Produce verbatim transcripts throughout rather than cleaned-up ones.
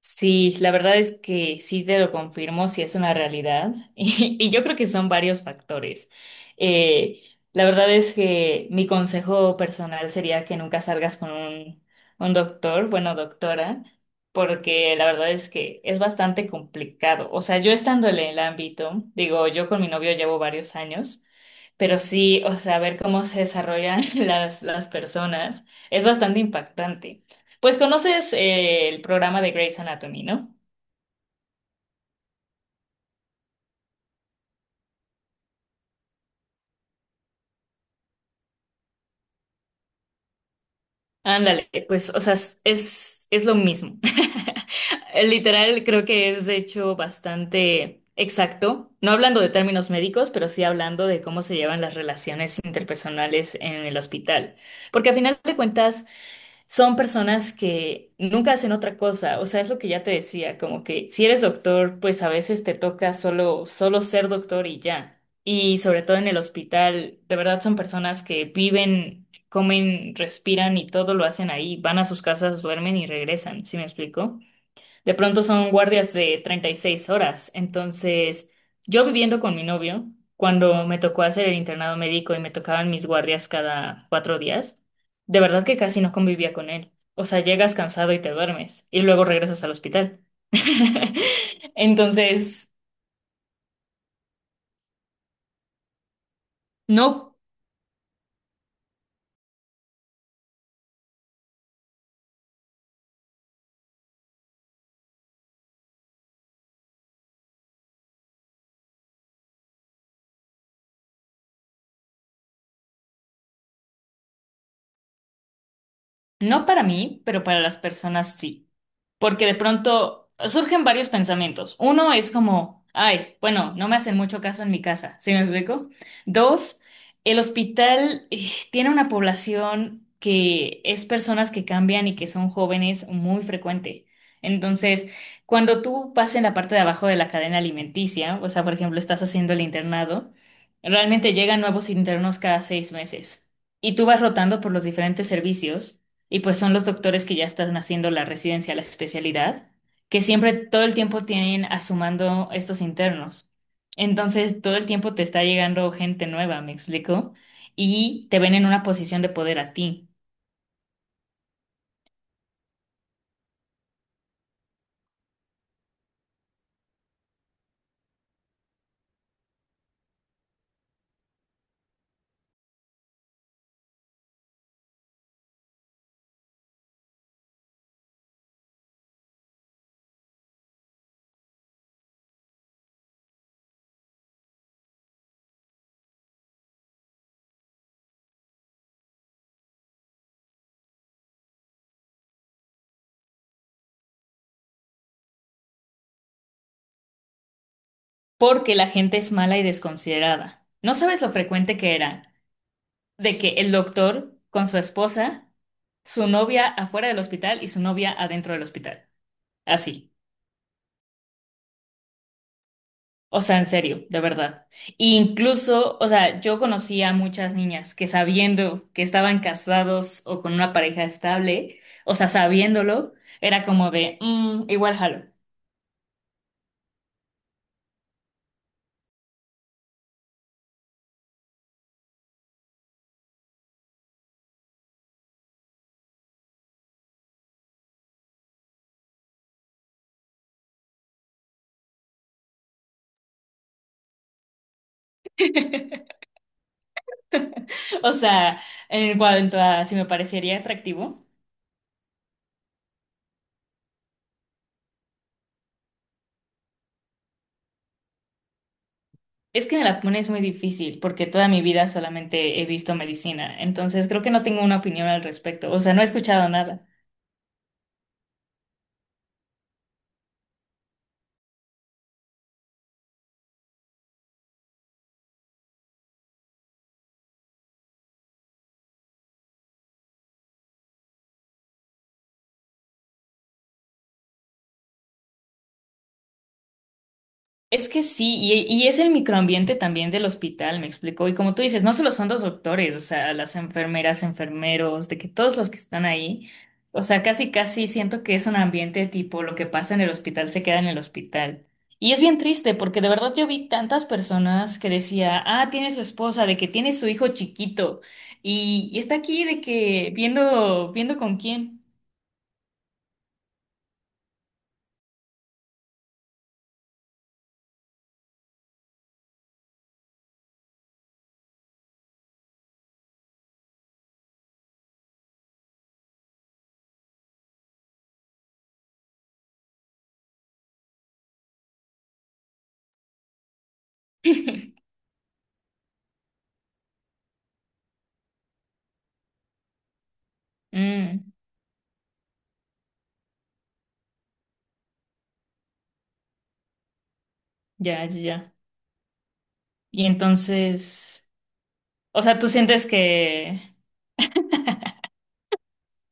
Sí, la verdad es que sí te lo confirmo, sí es una realidad. Y, y yo creo que son varios factores. Eh, la verdad es que mi consejo personal sería que nunca salgas con un, un doctor, bueno, doctora, porque la verdad es que es bastante complicado. O sea, yo estando en el ámbito, digo, yo con mi novio llevo varios años. Pero sí, o sea, ver cómo se desarrollan las, las personas es bastante impactante. Pues conoces eh, el programa de Grey's Anatomy, ¿no? Ándale, pues, o sea, es, es es lo mismo. Literal, creo que es de hecho bastante exacto, no hablando de términos médicos, pero sí hablando de cómo se llevan las relaciones interpersonales en el hospital. Porque a final de cuentas, son personas que nunca hacen otra cosa, o sea, es lo que ya te decía, como que si eres doctor, pues a veces te toca solo, solo ser doctor y ya. Y sobre todo en el hospital, de verdad son personas que viven, comen, respiran y todo lo hacen ahí, van a sus casas, duermen y regresan, ¿sí me explico? De pronto son guardias de treinta y seis horas. Entonces, yo viviendo con mi novio, cuando me tocó hacer el internado médico y me tocaban mis guardias cada cuatro días, de verdad que casi no convivía con él. O sea, llegas cansado y te duermes y luego regresas al hospital. Entonces, no, no para mí, pero para las personas sí. Porque de pronto surgen varios pensamientos. Uno es como, ay, bueno, no me hacen mucho caso en mi casa, ¿sí me explico? Dos, el hospital eh, tiene una población que es personas que cambian y que son jóvenes muy frecuente. Entonces, cuando tú vas en la parte de abajo de la cadena alimenticia, o sea, por ejemplo, estás haciendo el internado, realmente llegan nuevos internos cada seis meses y tú vas rotando por los diferentes servicios y pues son los doctores que ya están haciendo la residencia, la especialidad, que siempre todo el tiempo tienen asumando estos internos. Entonces, todo el tiempo te está llegando gente nueva, ¿me explico? Y te ven en una posición de poder a ti, porque la gente es mala y desconsiderada. No sabes lo frecuente que era de que el doctor con su esposa, su novia afuera del hospital y su novia adentro del hospital. Así. O sea, en serio, de verdad. Incluso, o sea, yo conocí a muchas niñas que sabiendo que estaban casados o con una pareja estable, o sea, sabiéndolo, era como de, "Mm, igual jalo. O sea, en cuanto a si me parecería atractivo, es que me la pones muy difícil porque toda mi vida solamente he visto medicina, entonces creo que no tengo una opinión al respecto, o sea, no he escuchado nada. Es que sí, y, y es el microambiente también del hospital, me explico. Y como tú dices, no solo son los doctores, o sea, las enfermeras, enfermeros, de que todos los que están ahí, o sea, casi casi siento que es un ambiente tipo lo que pasa en el hospital se queda en el hospital. Y es bien triste porque de verdad yo vi tantas personas que decía, ah, tiene su esposa, de que tiene su hijo chiquito y, y está aquí de que viendo, viendo con quién. Mm, ya, ya, ya. Y entonces... O sea, tú sientes que...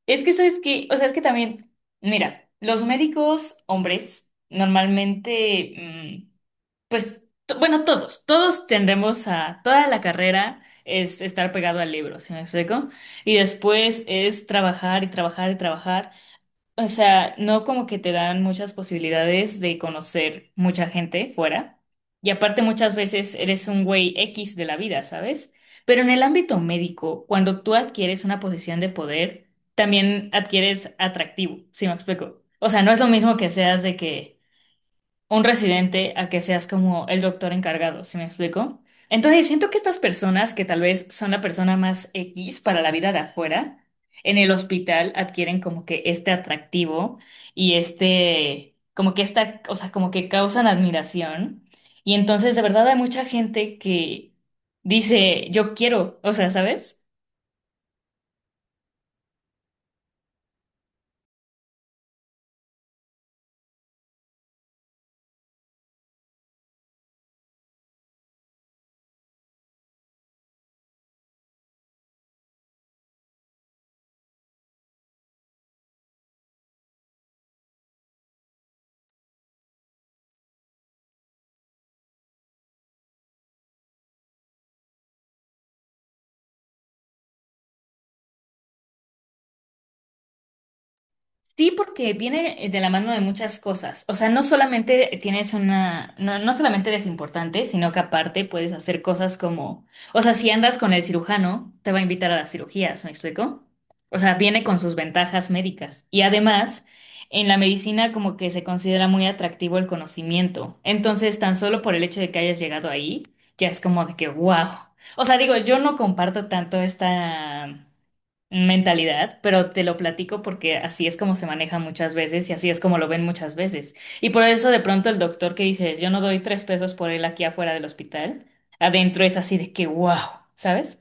Es que sabes que, o sea, es que también, mira, los médicos hombres normalmente, mm, pues, to- bueno, todos, todos tendemos a, toda la carrera es estar pegado al libro, ¿sí me explico? Y después es trabajar y trabajar y trabajar. O sea, no como que te dan muchas posibilidades de conocer mucha gente fuera. Y aparte muchas veces eres un güey X de la vida, ¿sabes? Pero en el ámbito médico, cuando tú adquieres una posición de poder, también adquieres atractivo, ¿si me explico? O sea, no es lo mismo que seas de que un residente a que seas como el doctor encargado, ¿sí me explico? Entonces, siento que estas personas que tal vez son la persona más X para la vida de afuera, en el hospital adquieren como que este atractivo y este, como que esta, o sea, como que causan admiración. Y entonces, de verdad, hay mucha gente que dice, yo quiero, o sea, ¿sabes? Sí, porque viene eh, de la mano de muchas cosas. O sea, no solamente tienes una, no, no solamente eres importante, sino que aparte puedes hacer cosas como, o sea, si andas con el cirujano, te va a invitar a las cirugías, ¿me explico? O sea, viene con sus ventajas médicas. Y además, en la medicina como que se considera muy atractivo el conocimiento. Entonces, tan solo por el hecho de que hayas llegado ahí, ya es como de que, wow. O sea, digo, yo no comparto tanto esta mentalidad, pero te lo platico porque así es como se maneja muchas veces y así es como lo ven muchas veces. Y por eso de pronto el doctor que dices, yo no doy tres pesos por él aquí afuera del hospital, adentro es así de que, wow, ¿sabes?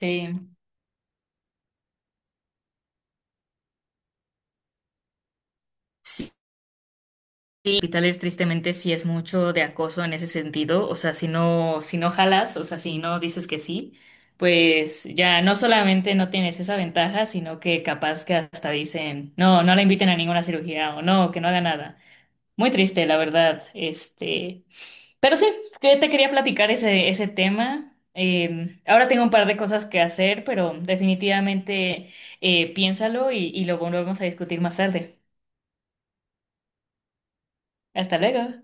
Sí. Sí, hospitales tristemente sí es mucho de acoso en ese sentido, o sea, si no, si no jalas, o sea, si no dices que sí, pues ya no solamente no tienes esa ventaja, sino que capaz que hasta dicen, no, no la inviten a ninguna cirugía o no, que no haga nada. Muy triste, la verdad. Este, pero sí, que te quería platicar ese, ese tema. Eh, ahora tengo un par de cosas que hacer, pero definitivamente eh, piénsalo y, y lo volvemos a discutir más tarde. Hasta luego.